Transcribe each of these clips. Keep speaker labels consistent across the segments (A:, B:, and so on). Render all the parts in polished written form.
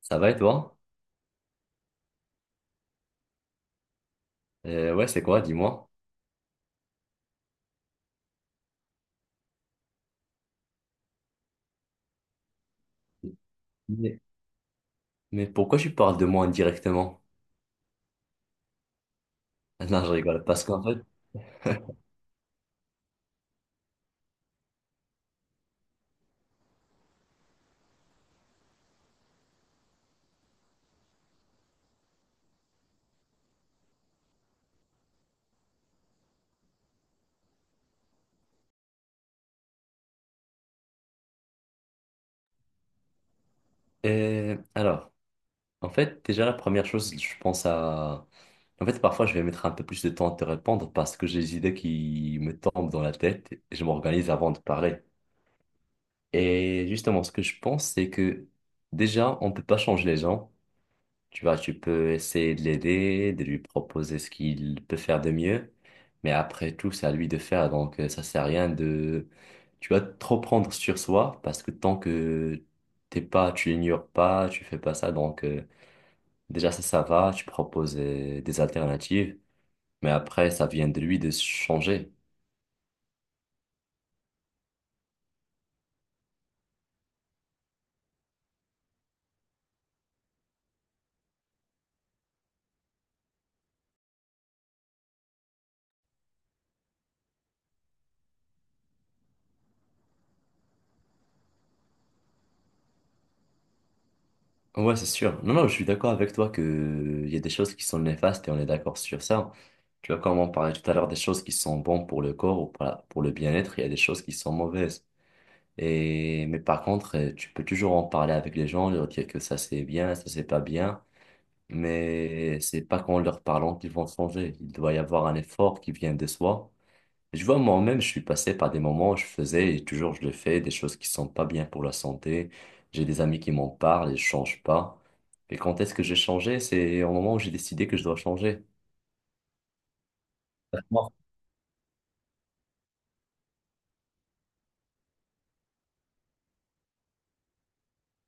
A: Ça va et toi? Ouais, c'est quoi, dis-moi. Mais, mais pourquoi tu parles de moi indirectement? Non, je rigole. Parce qu'en fait, alors, en fait, déjà, la première chose, je pense à. En fait, parfois, je vais mettre un peu plus de temps à te répondre parce que j'ai des idées qui me tombent dans la tête et je m'organise avant de parler. Et justement, ce que je pense, c'est que déjà, on ne peut pas changer les gens. Tu vois, tu peux essayer de l'aider, de lui proposer ce qu'il peut faire de mieux. Mais après tout, c'est à lui de faire. Donc, ça sert à rien de, tu vas trop prendre sur soi parce que tant que t'es pas, tu l'ignores pas, tu fais pas ça. Donc, déjà, ça va. Tu proposes des alternatives. Mais après, ça vient de lui de changer. Ouais, c'est sûr. Non, non, je suis d'accord avec toi que il y a des choses qui sont néfastes et on est d'accord sur ça. Tu vois, comme on parlait tout à l'heure des choses qui sont bonnes pour le corps ou pour pour le bien-être, il y a des choses qui sont mauvaises. Et, mais par contre, tu peux toujours en parler avec les gens, leur dire que ça c'est bien, ça c'est pas bien. Mais c'est pas qu'en leur parlant qu'ils vont changer. Il doit y avoir un effort qui vient de soi. Je vois, moi-même, je suis passé par des moments où je faisais et toujours je le fais, des choses qui sont pas bien pour la santé. J'ai des amis qui m'en parlent et je change pas. Et quand est-ce que j'ai changé? C'est au moment où j'ai décidé que je dois changer. D'accord.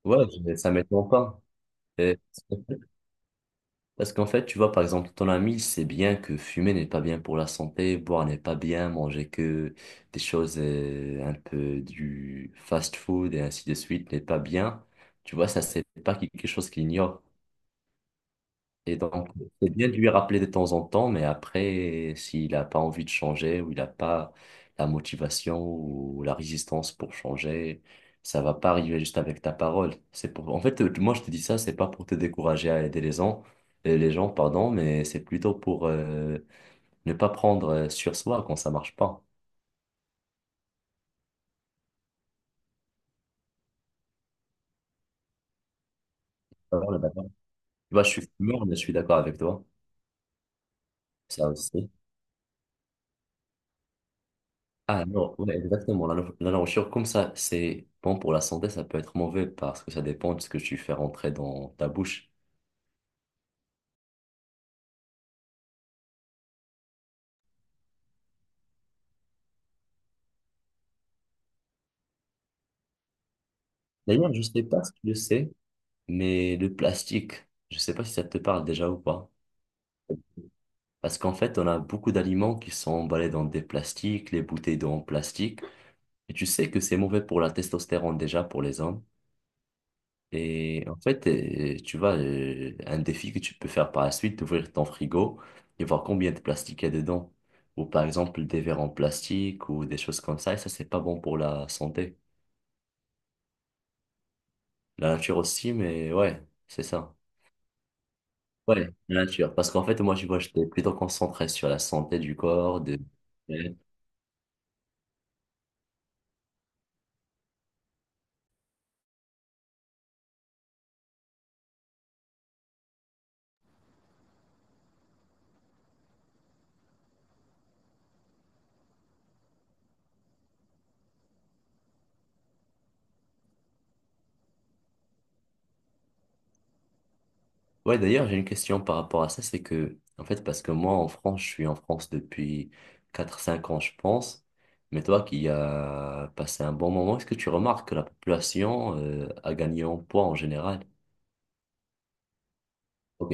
A: Ouais, ça m'étonne pas. Et- Parce qu'en fait, tu vois, par exemple, ton ami, il sait bien que fumer n'est pas bien pour la santé, boire n'est pas bien, manger que des choses un peu du fast-food et ainsi de suite n'est pas bien. Tu vois, ça, c'est pas quelque chose qu'il ignore. Et donc, c'est bien de lui rappeler de temps en temps, mais après, s'il n'a pas envie de changer ou il n'a pas la motivation ou la résistance pour changer, ça va pas arriver juste avec ta parole. En fait, moi, je te dis ça, c'est pas pour te décourager à aider les gens, pardon, mais c'est plutôt pour ne pas prendre sur soi quand ça marche pas. Ah, on est d'accord. Tu vois, je suis fumeur, mais je suis d'accord avec toi. Ça aussi. Ah non, ouais, exactement. La, no- la nourriture comme ça, c'est bon pour la santé, ça peut être mauvais parce que ça dépend de ce que tu fais rentrer dans ta bouche. D'ailleurs, je sais pas si tu le sais, mais le plastique, je sais pas si ça te parle déjà ou pas. Parce qu'en fait, on a beaucoup d'aliments qui sont emballés dans des plastiques, les bouteilles d'eau en plastique. Et tu sais que c'est mauvais pour la testostérone déjà pour les hommes. Et en fait, tu vois, un défi que tu peux faire par la suite, d'ouvrir ton frigo et voir combien de plastique il y a dedans. Ou par exemple, des verres en plastique ou des choses comme ça. Et ça, c'est pas bon pour la santé. La nature aussi, mais ouais, c'est ça. Ouais, la nature. Parce qu'en fait, moi, tu vois, j'étais plutôt concentré sur la santé du corps, de... Ouais, d'ailleurs, j'ai une question par rapport à ça, c'est que, en fait, parce que moi, en France, je suis en France depuis 4 5 ans, je pense, mais toi qui as passé un bon moment, est-ce que tu remarques que la population a gagné en poids en général? Ok.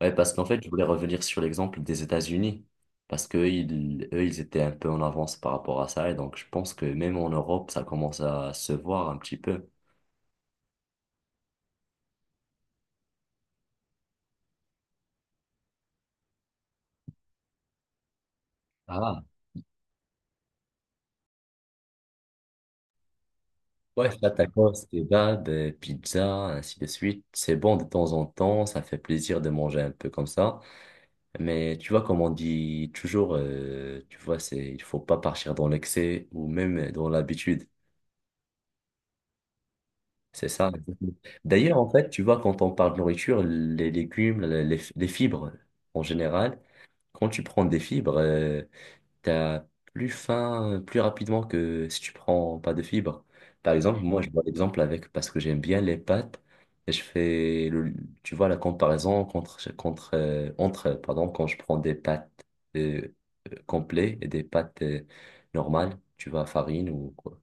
A: Ouais, parce qu'en fait, je voulais revenir sur l'exemple des États-Unis, parce qu'eux, ils, eux, ils étaient un peu en avance par rapport à ça, et donc je pense que même en Europe, ça commence à se voir un petit peu. Ah. Ouais, ça tacos, kebab, pizza, ainsi de suite. C'est bon de temps en temps, ça fait plaisir de manger un peu comme ça. Mais tu vois, comme on dit toujours, tu vois, c'est, il faut pas partir dans l'excès ou même dans l'habitude. C'est ça. Exactement. D'ailleurs, en fait, tu vois, quand on parle de nourriture, les légumes, les fibres en général, quand tu prends des fibres, t'as plus faim plus rapidement que si tu prends pas de fibres. Par exemple, moi, je vois l'exemple avec, parce que j'aime bien les pâtes, et je fais, le, tu vois, la comparaison entre, pardon, quand je prends des pâtes euh, complets et des pâtes normales, tu vois, farine ou quoi.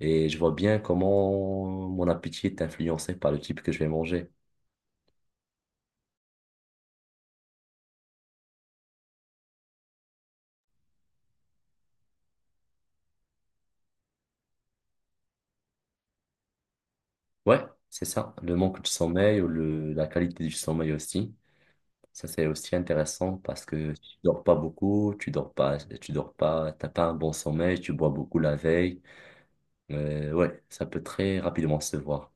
A: Et je vois bien comment mon appétit est influencé par le type que je vais manger. Ouais, c'est ça, le manque de sommeil ou la qualité du sommeil aussi. Ça, c'est aussi intéressant parce que tu dors pas beaucoup, tu dors pas, t'as pas un bon sommeil, tu bois beaucoup la veille. Ouais, ça peut très rapidement se voir.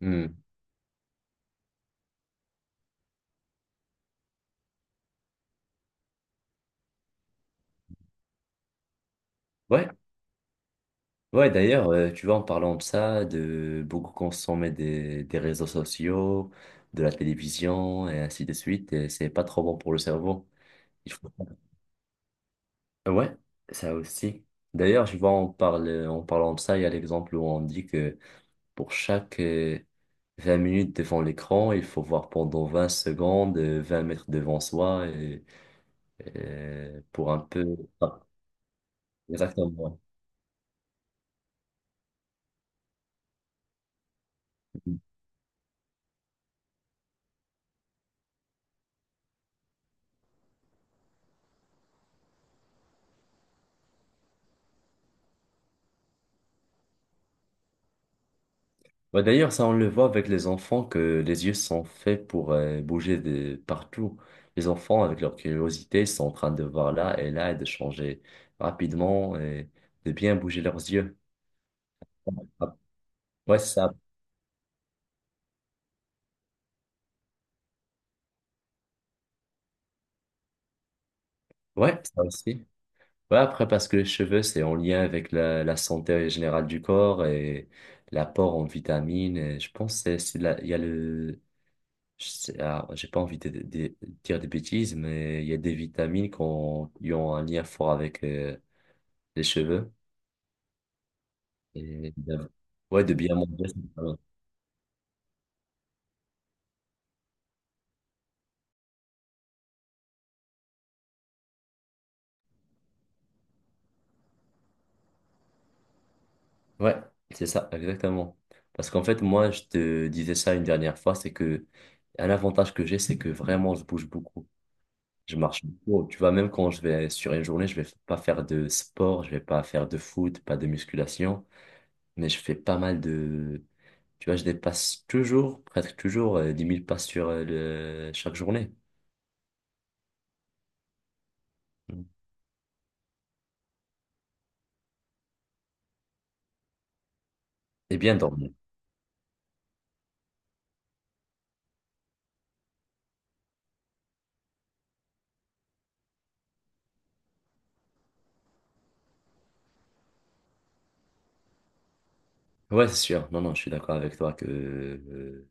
A: Hmm. Ouais, ouais, d'ailleurs, tu vois, en parlant de ça, de beaucoup consommer des réseaux sociaux, de la télévision et ainsi de suite, et c'est pas trop bon pour le cerveau. Il faut... Ouais, ça aussi. D'ailleurs, je vois, on parle, en parlant de ça, il y a l'exemple où on dit que pour chaque 20 minutes devant l'écran, il faut voir pendant 20 secondes, 20 mètres devant soi, et, pour un peu... Ah, exactement. Bah, d'ailleurs, ça, on le voit avec les enfants, que les yeux sont faits pour bouger de partout. Les enfants, avec leur curiosité, sont en train de voir là et là et de changer rapidement et de bien bouger leurs yeux. Ah, ouais, ça. Ouais, ça aussi. Ouais, après, parce que les cheveux, c'est en lien avec la santé générale du corps et l'apport en vitamines. Et je pense que il y a le, je sais- ah, j'ai pas envie de dire des bêtises, mais il y a des vitamines qui ont un lien fort avec les cheveux. Et bien- ouais, de bien manger. C'est pas mal. Ouais, c'est ça, exactement. Parce qu'en fait, moi, je te disais ça une dernière fois, c'est que un avantage que j'ai, c'est que vraiment, je bouge beaucoup. Je marche beaucoup. Tu vois, même quand je vais sur une journée, je vais pas faire de sport, je vais pas faire de foot, pas de musculation, mais je fais pas mal de... Tu vois, je dépasse toujours, presque toujours, 10 000 pas sur le... chaque journée. Mm. Et bien dormir. Ouais, c'est sûr. Non, non, je suis d'accord avec toi que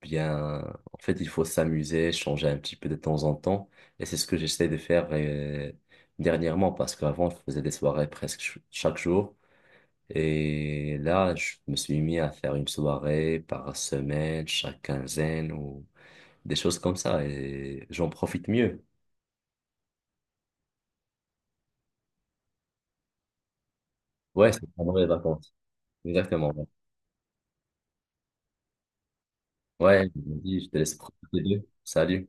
A: bien... En fait, il faut s'amuser, changer un petit peu de temps en temps. Et c'est ce que j'essaie de faire dernièrement, parce qu'avant, je faisais des soirées presque chaque jour. Et là, je me suis mis à faire une soirée par semaine, chaque quinzaine ou des choses comme ça. Et j'en profite mieux. Ouais, c'est pendant les vacances. Exactement. Ouais, je me dis, je te laisse profiter d'eux. Salut.